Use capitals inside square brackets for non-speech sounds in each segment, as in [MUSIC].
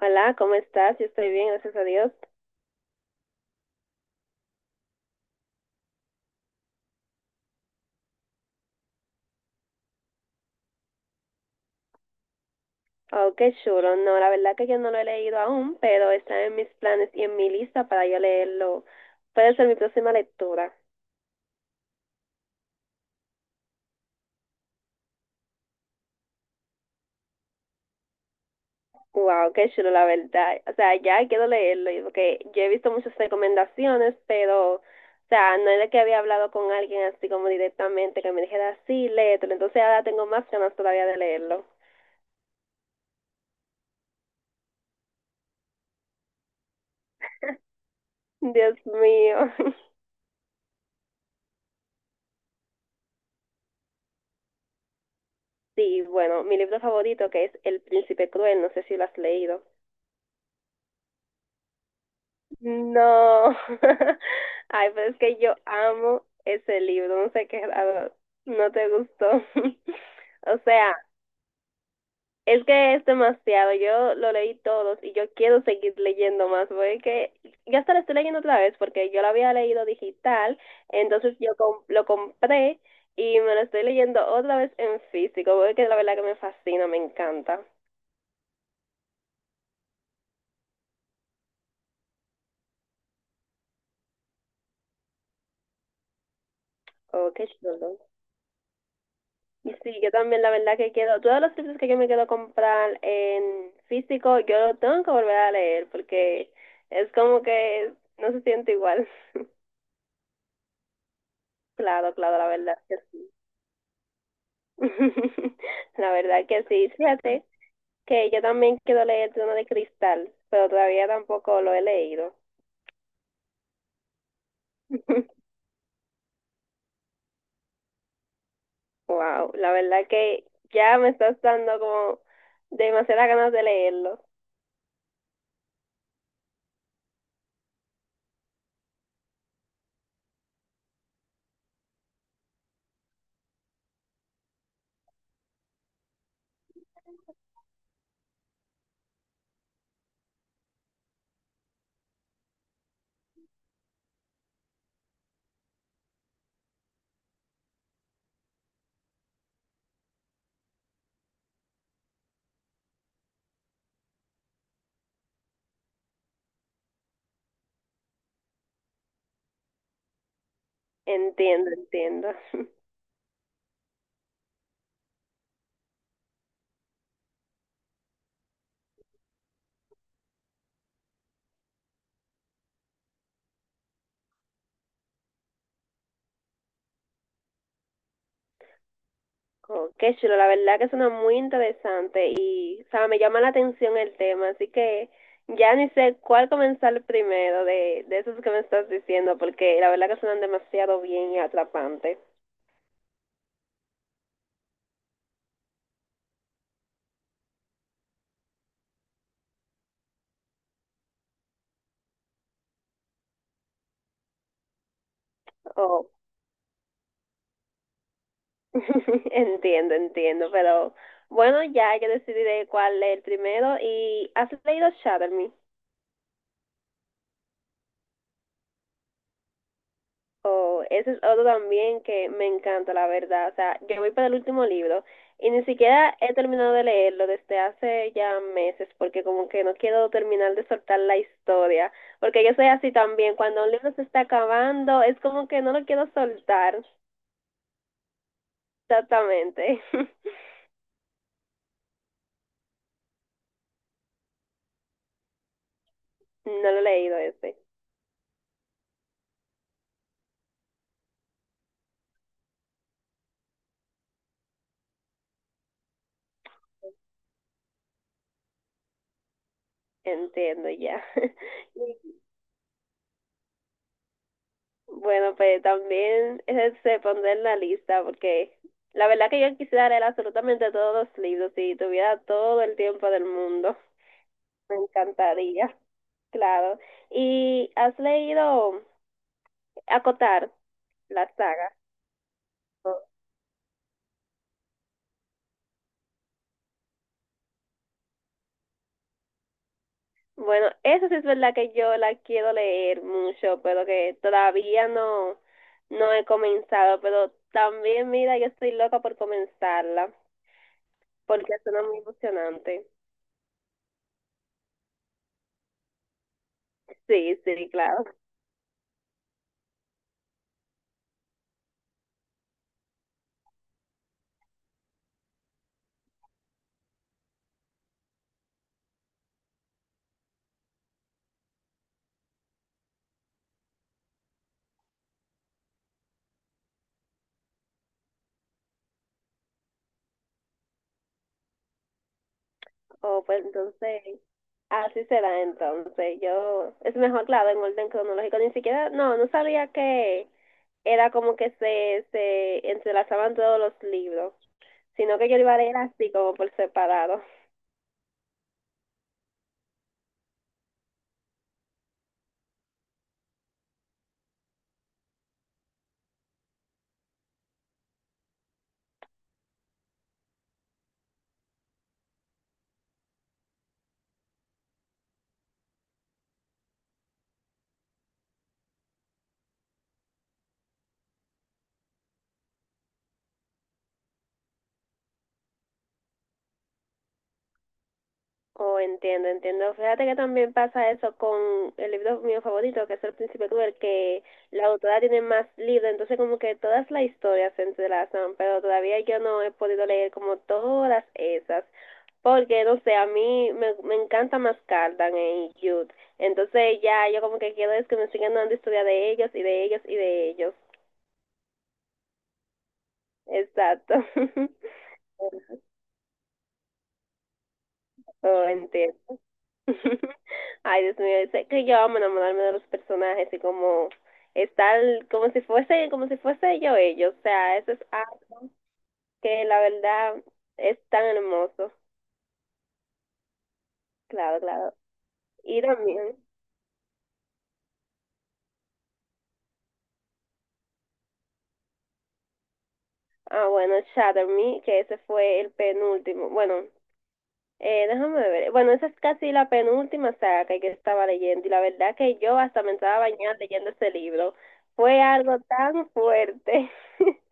Hola, ¿cómo estás? Yo estoy bien, gracias a Dios. Oh, qué chulo. No, la verdad que yo no lo he leído aún, pero está en mis planes y en mi lista para yo leerlo. Puede ser mi próxima lectura. Wow, qué chulo, la verdad. O sea, ya quiero leerlo, porque yo he visto muchas recomendaciones, pero, o sea, no era que había hablado con alguien así como directamente que me dijera, sí, léetelo. Entonces ahora tengo más ganas todavía de leerlo. Dios mío. [LAUGHS] Sí, bueno, mi libro favorito que es El Príncipe Cruel, no sé si lo has leído. No. [LAUGHS] Ay, pero es que yo amo ese libro. No sé, qué raro. No te gustó. [LAUGHS] O sea, es que es demasiado. Yo lo leí todos y yo quiero seguir leyendo más. Porque es que ya hasta lo estoy leyendo otra vez porque yo lo había leído digital. Entonces lo compré y me lo estoy leyendo otra vez en físico. Porque la verdad que me fascina, me encanta. Oh, qué chulo. Y sí, yo también, la verdad que quiero, todos los libros que yo me quiero comprar en físico, yo lo tengo que volver a leer porque es como que no se siente igual. [LAUGHS] Claro, claro, la verdad que sí. [LAUGHS] La verdad que sí. Fíjate que yo también quiero leer Trono de Cristal, pero todavía tampoco lo he leído. [LAUGHS] Wow, la verdad que ya me estás dando como demasiadas ganas de leerlo. Entiendo, entiendo. [LAUGHS] Oh, qué chulo, la verdad que suena muy interesante y, o sea, me llama la atención el tema, así que ya ni sé cuál comenzar primero de esos que me estás diciendo, porque la verdad que suenan demasiado bien y atrapantes. Oh, [LAUGHS] entiendo, entiendo, pero bueno, ya yo decidiré cuál es el primero. ¿Y has leído Shadow? Oh, ese es otro también que me encanta, la verdad. O sea, yo voy para el último libro y ni siquiera he terminado de leerlo desde hace ya meses, porque como que no quiero terminar de soltar la historia, porque yo soy así también. Cuando un libro se está acabando, es como que no lo quiero soltar. Exactamente. [LAUGHS] No lo he leído ese. Entiendo ya. [LAUGHS] Bueno, pues también se pondrá en la lista porque la verdad que yo quisiera leer absolutamente todos los libros si tuviera todo el tiempo del mundo. Me encantaría, claro. ¿Y has leído Acotar, la saga? Bueno, eso sí es verdad que yo la quiero leer mucho, pero que todavía no, no he comenzado. Pero también, mira, yo estoy loca por comenzarla porque suena muy emocionante. Sí, sí, claro. Oh, pues entonces, así será entonces. Yo, es mejor, claro, en orden cronológico. Ni siquiera, no, no sabía que era como que se entrelazaban todos los libros, sino que yo lo iba a leer así como por separado. Oh, entiendo, entiendo. Fíjate que también pasa eso con el libro mío favorito, que es El Príncipe Cruel, que la autora tiene más libros, entonces como que todas las historias se entrelazan, pero todavía yo no he podido leer como todas esas. Porque, no sé, me encanta más Cardan en Youth. Entonces ya yo como que quiero es que me sigan dando historia de ellos y de ellos y de ellos. Exacto. [LAUGHS] Oh, entiendo. [LAUGHS] Ay, Dios mío, sé que yo amo enamorarme de los personajes y como estar como si fuese yo ellos. O sea, eso es algo que la verdad es tan hermoso. Claro, claro. Y también, ah, bueno, Shatter Me, que ese fue el penúltimo, bueno, déjame ver. Bueno, esa es casi la penúltima saga que yo estaba leyendo y la verdad que yo hasta me estaba bañando leyendo ese libro. Fue algo tan fuerte [LAUGHS]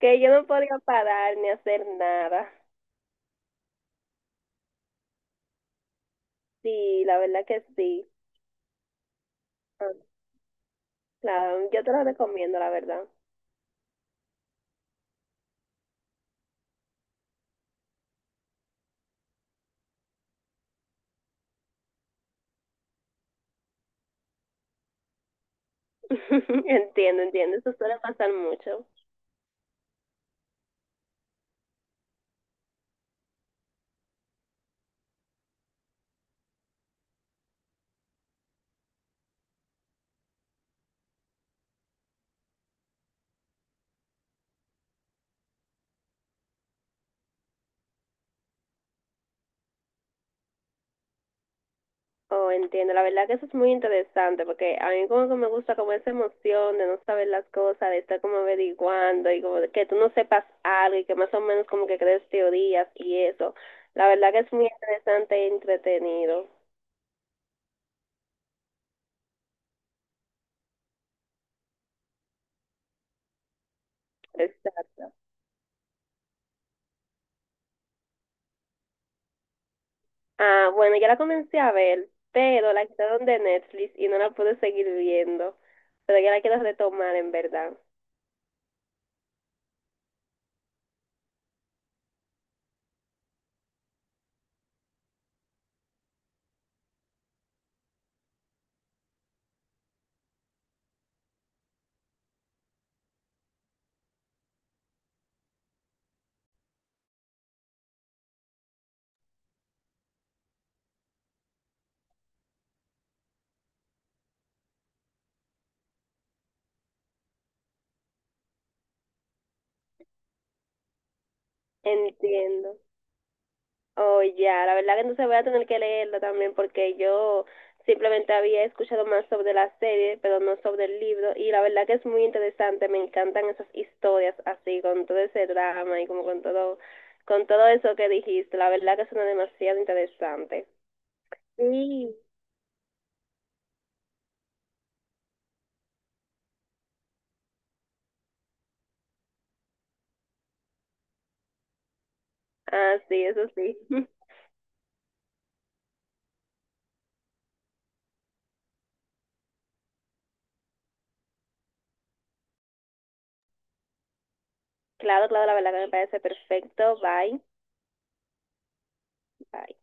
que yo no podía parar ni hacer nada. Sí, la verdad que sí. Ah, claro, yo te lo recomiendo, la verdad. [LAUGHS] Entiendo, entiendo. Eso suele pasar mucho. Oh, entiendo. La verdad que eso es muy interesante porque a mí como que me gusta como esa emoción de no saber las cosas, de estar como averiguando y como de que tú no sepas algo y que más o menos como que crees teorías y eso. La verdad que es muy interesante e entretenido. Exacto. Ah, bueno, ya la comencé a ver, pero la quitaron de Netflix y no la pude seguir viendo. Pero ya la quiero retomar en verdad. Entiendo. Oh, ya, la verdad que entonces voy a tener que leerlo también porque yo simplemente había escuchado más sobre la serie, pero no sobre el libro, y la verdad que es muy interesante, me encantan esas historias así, con todo ese drama y como con todo eso que dijiste, la verdad que suena demasiado interesante. Sí. Ah, sí, eso sí. [LAUGHS] Claro, claro, la verdad que me parece perfecto. Bye, bye.